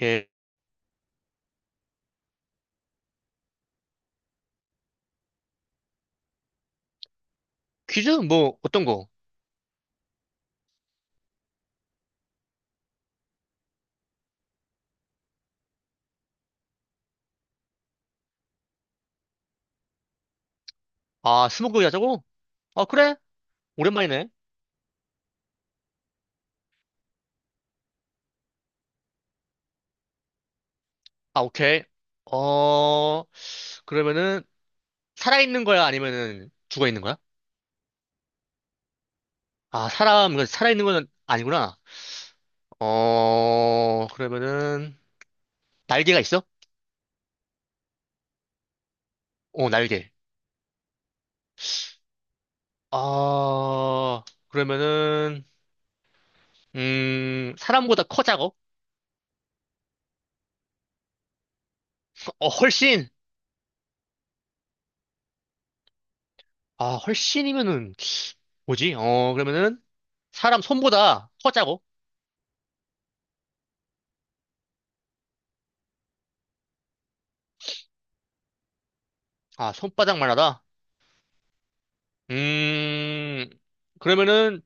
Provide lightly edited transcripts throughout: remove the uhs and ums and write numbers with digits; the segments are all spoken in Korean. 예. 퀴즈? 뭐, 어떤 거? 아, 스무고개 하자고? 아, 그래? 오랜만이네. 아, 오케이. 어, 그러면은, 살아있는 거야? 아니면은, 죽어있는 거야? 아, 사람, 이거 살아있는 건 아니구나. 어, 그러면은, 날개가 있어? 어, 날개. 아, 그러면은, 사람보다 커, 작어? 어, 훨씬! 아, 훨씬이면은, 뭐지? 어, 그러면은, 사람 손보다 커, 작어? 아, 손바닥만 하다? 음, 그러면은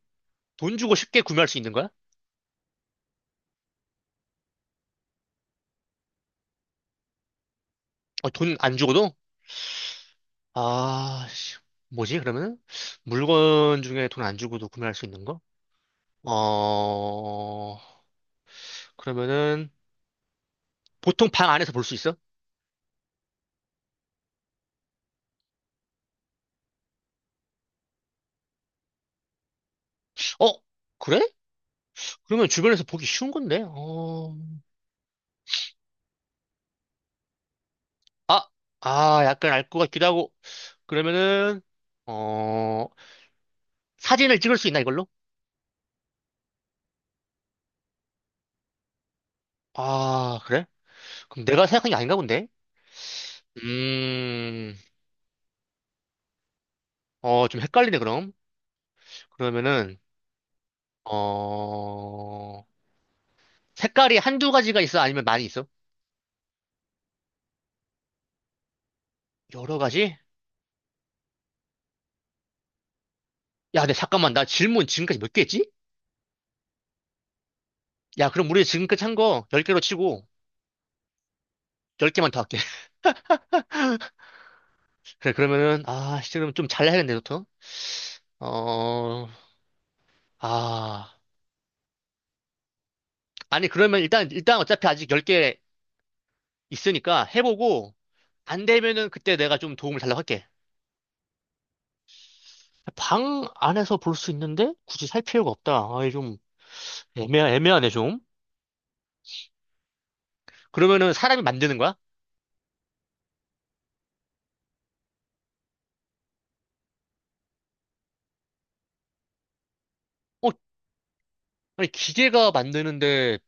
돈 주고 쉽게 구매할 수 있는 거야? 어, 돈 안 주고도? 아, 씨, 뭐지, 그러면은? 물건 중에 돈 안 주고도 구매할 수 있는 거? 어, 그러면은 보통 방 안에서 볼 수 있어? 어, 그래? 그러면 주변에서 보기 쉬운 건데? 어, 아, 아, 약간 알 것 같기도 하고. 그러면은, 어, 사진을 찍을 수 있나, 이걸로? 아, 그래? 그럼 내가 생각한 게 아닌가 본데? 음, 어, 좀 헷갈리네, 그럼. 그러면은, 어, 색깔이 한두 가지가 있어? 아니면 많이 있어? 여러 가지? 야, 근데 잠깐만. 나 질문 지금까지 몇 개 했지? 야, 그럼 우리 지금까지 한 거 10개로 치고, 10개만 더 할게. 그래, 그러면은, 아, 지금 좀 잘해야겠네, 너부터. 어, 아. 아니, 그러면 일단 어차피 아직 10개 있으니까 해보고, 안 되면은 그때 내가 좀 도움을 달라고 할게. 방 안에서 볼 수 있는데, 굳이 살 필요가 없다. 아이, 좀, 애매하네, 좀. 그러면은 사람이 만드는 거야? 어? 아니, 기계가 만드는데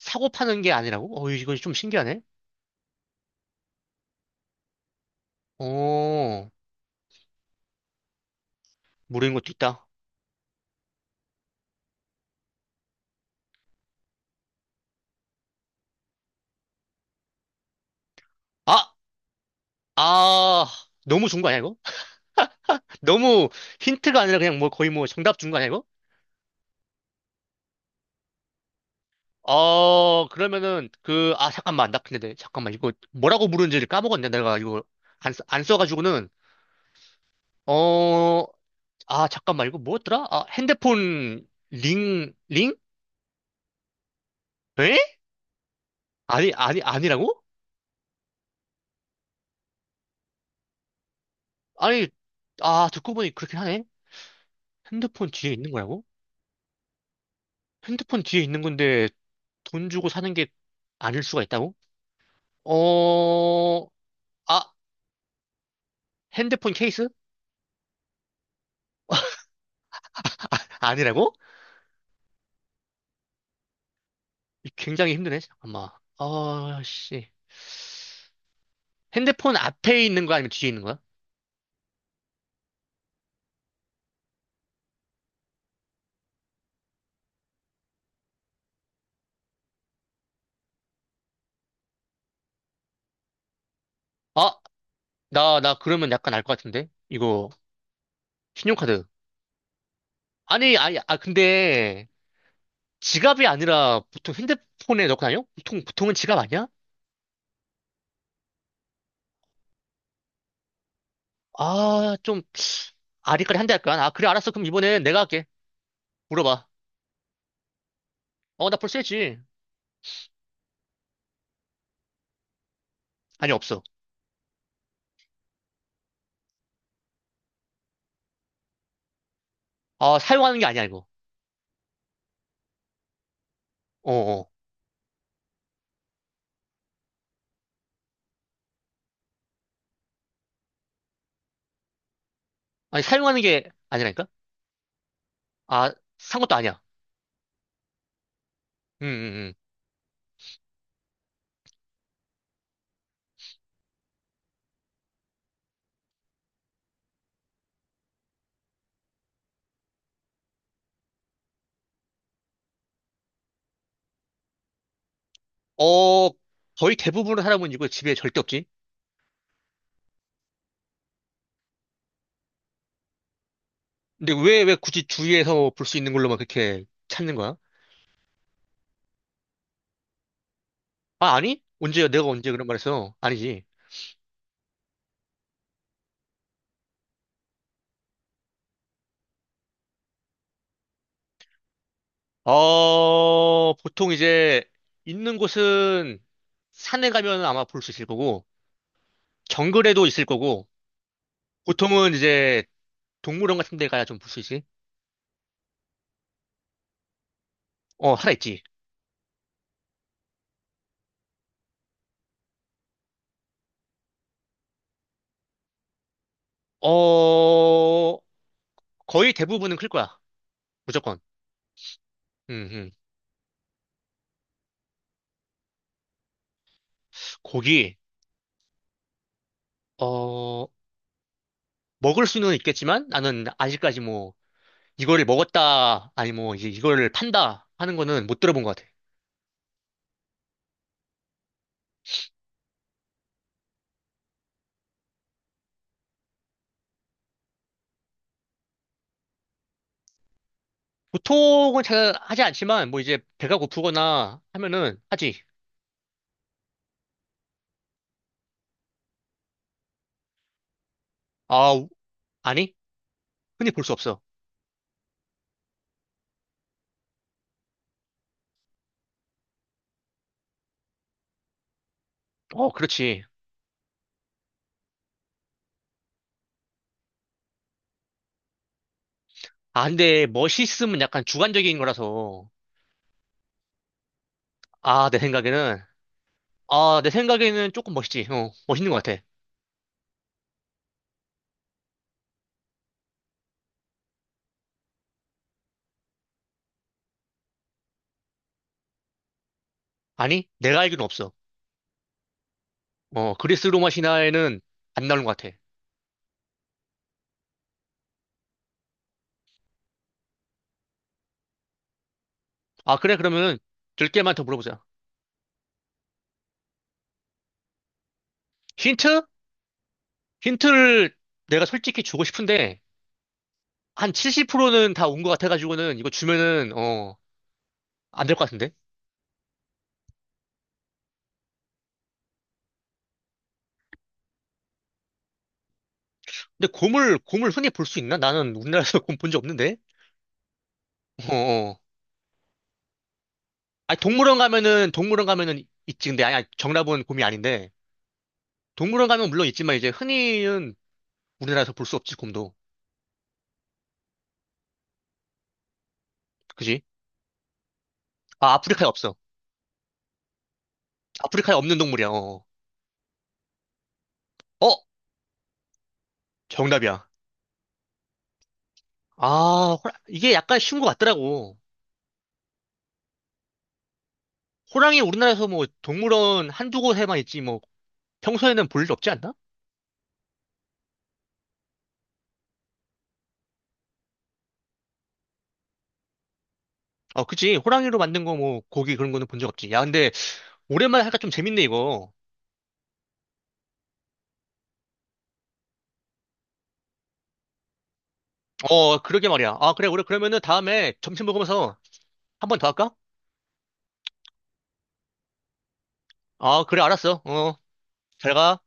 사고 파는 게 아니라고? 어, 이거 좀 신기하네? 어, 모르는 것도 있다. 아, 아, 너무 준 거 아니야, 이거? 너무 힌트가 아니라 그냥 뭐 거의 뭐 정답 준 거 아니야, 이거? 어, 그러면은 그, 아, 잠깐만. 나 근데, 잠깐만. 이거 뭐라고 부르는지를 까먹었네. 내가 이거 안, 안 써가지고는. 어, 아, 잠깐만. 이거 뭐였더라? 아, 핸드폰 링, 링? 에? 아니, 아니, 아니라고? 아니, 아, 듣고 보니 그렇긴 하네. 핸드폰 뒤에 있는 거라고? 핸드폰 뒤에 있는 건데 돈 주고 사는 게 아닐 수가 있다고? 어, 아, 핸드폰 케이스? 아니라고? 굉장히 힘드네, 잠깐만. 아, 씨. 핸드폰 앞에 있는 거 아니면 뒤에 있는 거야? 아, 나 그러면 약간 알 것 같은데? 이거, 신용카드. 아니, 아니, 아, 근데 지갑이 아니라 보통 핸드폰에 넣고 다녀? 보통은 지갑 아니야? 아, 좀 아리까리 한데 할까? 아, 그래, 알았어. 그럼 이번엔 내가 할게. 물어봐. 어, 나 벌써 했지. 아니, 없어. 아, 사용하는 게 아니야, 이거. 어, 어. 아니, 사용하는 게 아니라니까? 아, 산 것도 아니야. 음, 음, 음. 어, 거의 대부분의 사람은 이거 집에 절대 없지. 근데 왜 굳이 주위에서 볼 수 있는 걸로만 그렇게 찾는 거야? 아, 아니? 언제, 내가 언제 그런 말 했어? 아니지. 어, 보통 이제 있는 곳은 산에 가면 아마 볼 수 있을 거고, 정글에도 있을 거고, 보통은 이제 동물원 같은 데 가야 좀 볼 수 있지. 어, 하나 있지. 어, 거의 대부분은 클 거야. 무조건. 음, 음. 고기, 어, 먹을 수는 있겠지만 나는 아직까지 뭐 이거를 먹었다, 아니 뭐 이제 이거를 판다 하는 거는 못 들어본 것 같아. 보통은 잘 하지 않지만 뭐 이제 배가 고프거나 하면은 하지. 아, 아니? 흔히 볼 수 없어. 어, 그렇지. 아, 근데 멋있음은 약간 주관적인 거라서. 아, 내 생각에는. 아, 내 생각에는 조금 멋있지. 어, 멋있는 것 같아. 아니? 내가 알기로는 없어. 어, 그리스 로마 신화에는 안 나오는 것 같아. 아, 그래, 그러면은 깨개만 더 물어보자. 힌트? 힌트를 내가 솔직히 주고 싶은데, 한 70%는 다 온 것 같아가지고는 이거 주면은, 어, 안 될 것 같은데? 근데 곰을 흔히 볼 수 있나? 나는 우리나라에서 곰 본 적 없는데? 어, 어. 아니, 동물원 가면은, 동물원 가면은 있지. 근데, 아니, 아니, 정답은 곰이 아닌데. 동물원 가면 물론 있지만, 이제 흔히는 우리나라에서 볼 수 없지, 곰도. 그지? 아, 아프리카에 없어. 아프리카에 없는 동물이야, 어. 어? 정답이야. 아, 이게 약간 쉬운 것 같더라고. 호랑이 우리나라에서 뭐 동물원 한두 곳에만 있지, 뭐 평소에는 볼 일 없지 않나? 어, 그치. 호랑이로 만든 거 뭐, 고기 그런 거는 본 적 없지. 야, 근데, 오랜만에 하니까 좀 재밌네, 이거. 어, 그러게 말이야. 아, 그래, 우리 그러면은 다음에 점심 먹으면서 한번 더 할까? 아, 그래, 알았어. 어, 잘 가.